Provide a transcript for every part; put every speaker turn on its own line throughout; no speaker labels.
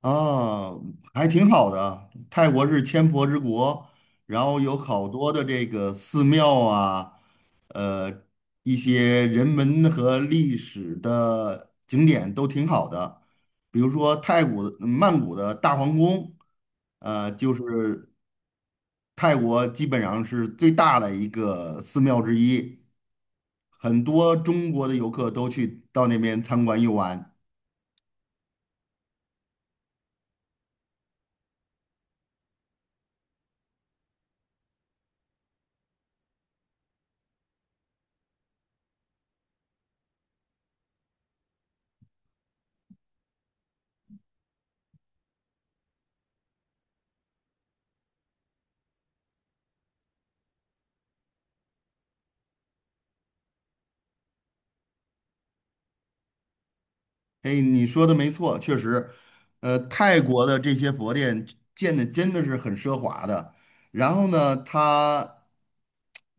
啊，还挺好的。泰国是千佛之国，然后有好多的这个寺庙啊，呃，一些人文和历史的景点都挺好的。比如说泰国曼谷的大皇宫，就是泰国基本上是最大的一个寺庙之一，很多中国的游客都去到那边参观游玩。哎，你说的没错，确实，泰国的这些佛殿建的真的是很奢华的。然后呢，它，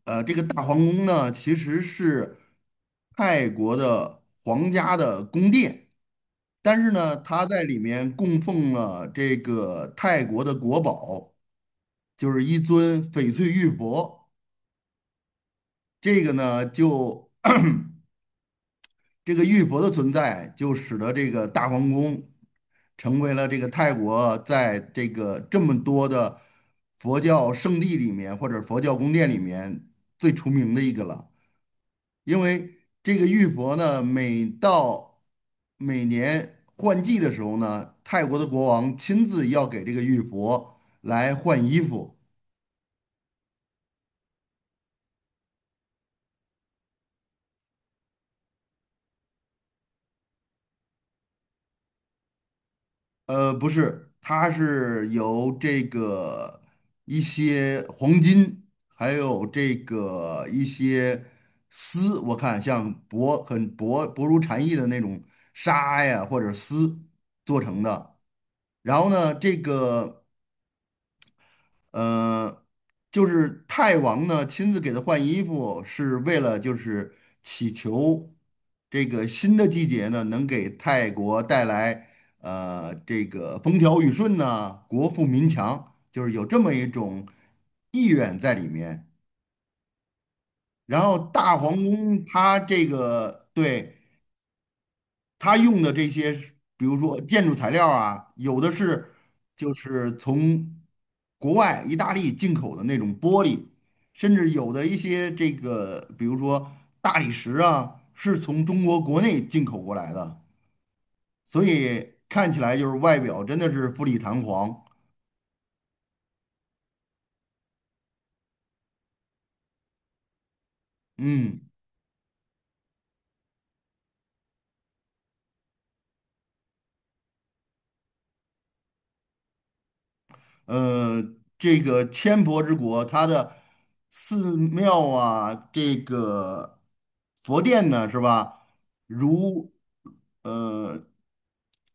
这个大皇宫呢，其实是泰国的皇家的宫殿，但是呢，它在里面供奉了这个泰国的国宝，就是一尊翡翠玉佛。这个呢，就这个玉佛的存在，就使得这个大皇宫成为了这个泰国在这个这么多的佛教圣地里面，或者佛教宫殿里面最出名的一个了。因为这个玉佛呢，每到每年换季的时候呢，泰国的国王亲自要给这个玉佛来换衣服。不是，它是由这个一些黄金，还有这个一些丝，我看像薄很薄如蝉翼的那种纱呀，或者丝做成的。然后呢，这个。呃，就是泰王呢亲自给他换衣服，是为了就是祈求这个新的季节呢能给泰国带来这个风调雨顺呐、国富民强，就是有这么一种意愿在里面。然后大皇宫它这个对。他用的这些，比如说建筑材料啊，有的是就是从国外意大利进口的那种玻璃，甚至有的一些这个，比如说大理石啊，是从中国国内进口过来的，所以看起来就是外表真的是富丽堂皇，嗯。呃，这个千佛之国，它的寺庙啊，这个佛殿呢，是吧？如呃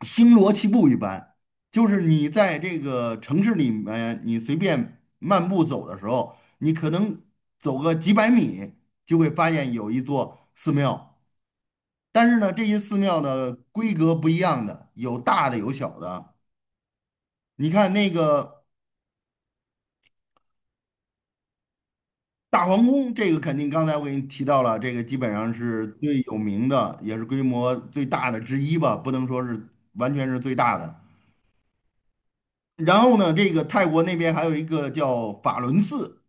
星罗棋布一般，就是你在这个城市里面，你随便漫步走的时候，你可能走个几百m，就会发现有一座寺庙。但是呢，这些寺庙呢，规格不一样的，有大的有小的。你看那个。大皇宫这个肯定刚才我给你提到了，这个基本上是最有名的，也是规模最大的之一吧，不能说是完全是最大的。然后呢，这个泰国那边还有一个叫法伦寺，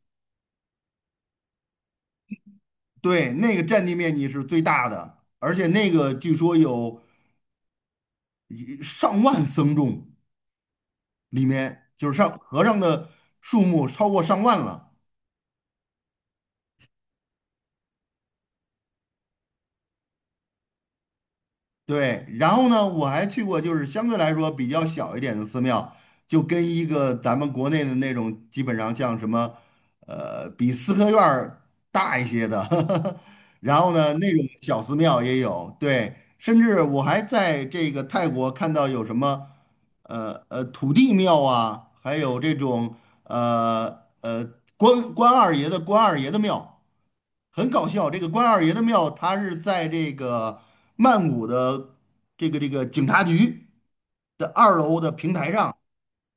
对，那个占地面积是最大的，而且那个据说有一上万僧众，里面就是上和尚的数目超过上万了。对，然后呢，我还去过就是相对来说比较小一点的寺庙，就跟一个咱们国内的那种基本上像什么，比四合院儿大一些的，然后呢，那种小寺庙也有，对，甚至我还在这个泰国看到有什么，土地庙啊，还有这种呃呃关二爷的庙。很搞笑。这个关二爷的庙，它是在这个曼谷的这个警察局的二楼的平台上，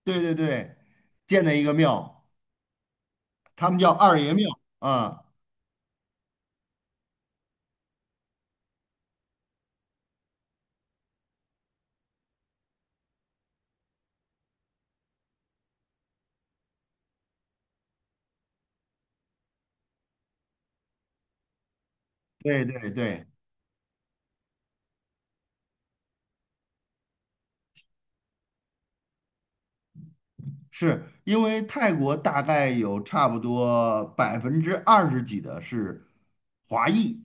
对对对，建的一个庙，他们叫二爷庙啊。对对对，是因为泰国大概有差不多20%几的是华裔，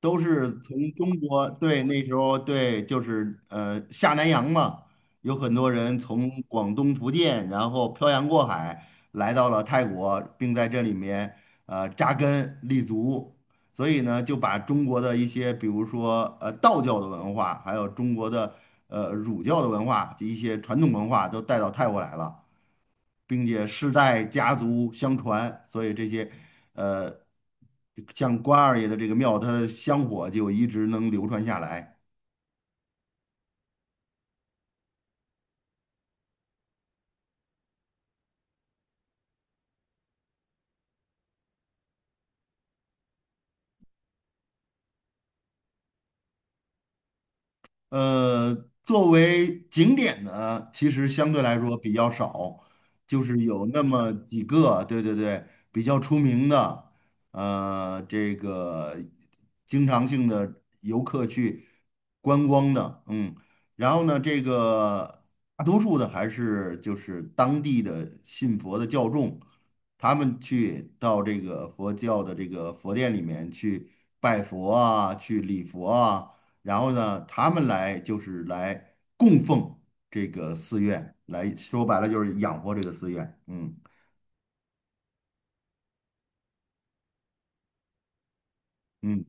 都是从中国，对，那时候对，就是下南洋嘛，有很多人从广东、福建，然后漂洋过海来到了泰国，并在这里面扎根立足，所以呢，就把中国的一些，比如说道教的文化，还有中国的儒教的文化，一些传统文化都带到泰国来了。并且世代家族相传，所以这些呃，像关二爷的这个庙，它的香火就一直能流传下来。呃，作为景点呢，其实相对来说比较少，就是有那么几个，对对对，比较出名的，这个经常性的游客去观光的，嗯，然后呢，这个大多数的还是就是当地的信佛的教众，他们去到这个佛教的这个佛殿里面去拜佛啊，去礼佛啊。然后呢，他们来就是来供奉这个寺院，来说白了就是养活这个寺院。嗯嗯。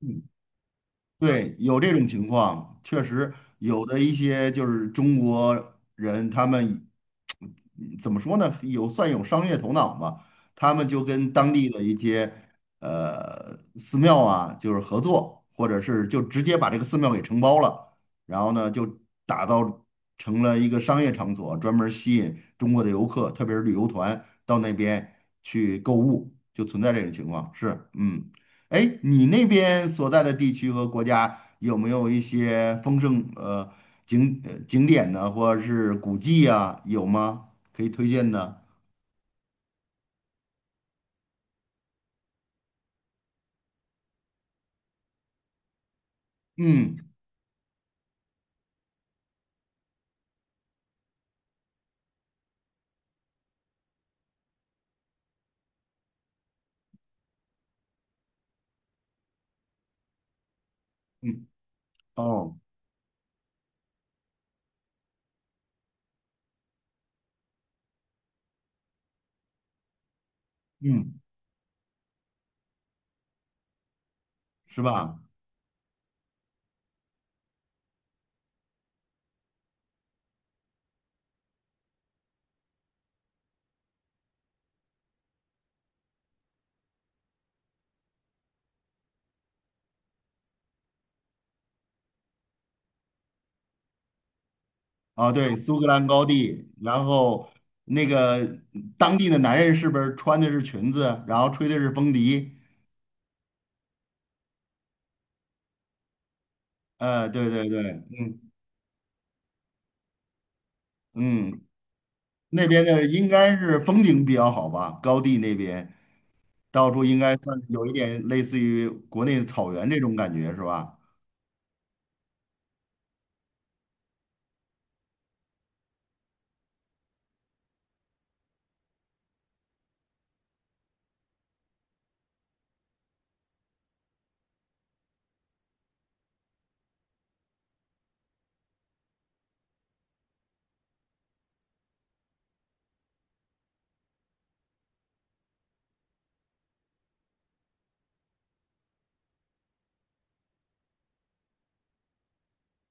嗯。对，有这种情况，确实有的一些就是中国人，他们嗯怎么说呢，有算有商业头脑嘛，他们就跟当地的一些寺庙啊，就是合作，或者是就直接把这个寺庙给承包了，然后呢就打造成了一个商业场所，专门儿吸引中国的游客，特别是旅游团到那边去购物，就存在这种情况，是，嗯。哎，你那边所在的地区和国家有没有一些丰盛景点呢，或者是古迹啊，有吗？可以推荐的？嗯嗯，哦，嗯，是吧？啊，对，苏格兰高地，然后那个当地的男人是不是穿的是裙子，然后吹的是风笛？对对对，嗯嗯，那边的应该是风景比较好吧，高地那边。到处应该算是有一点类似于国内的草原这种感觉，是吧？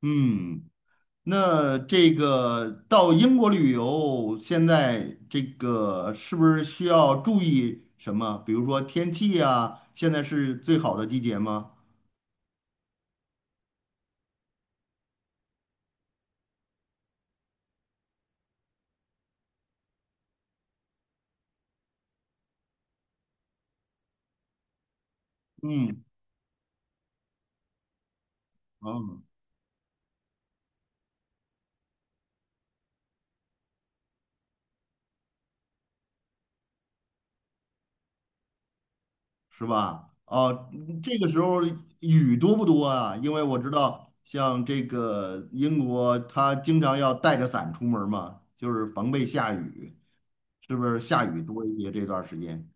嗯，那这个到英国旅游，现在这个是不是需要注意什么？比如说天气啊，现在是最好的季节吗？嗯嗯，是吧？哦，这个时候雨多不多啊？因为我知道，像这个英国，它经常要带着伞出门嘛，就是防备下雨。是不是下雨多一些这段时间？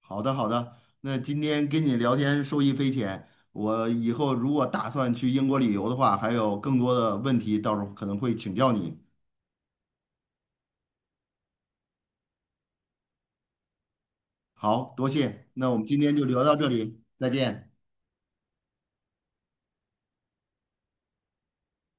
好的，好的，那今天跟你聊天受益匪浅，我以后如果打算去英国旅游的话，还有更多的问题，到时候可能会请教你。好，多谢，那我们今天就聊到这里，再见。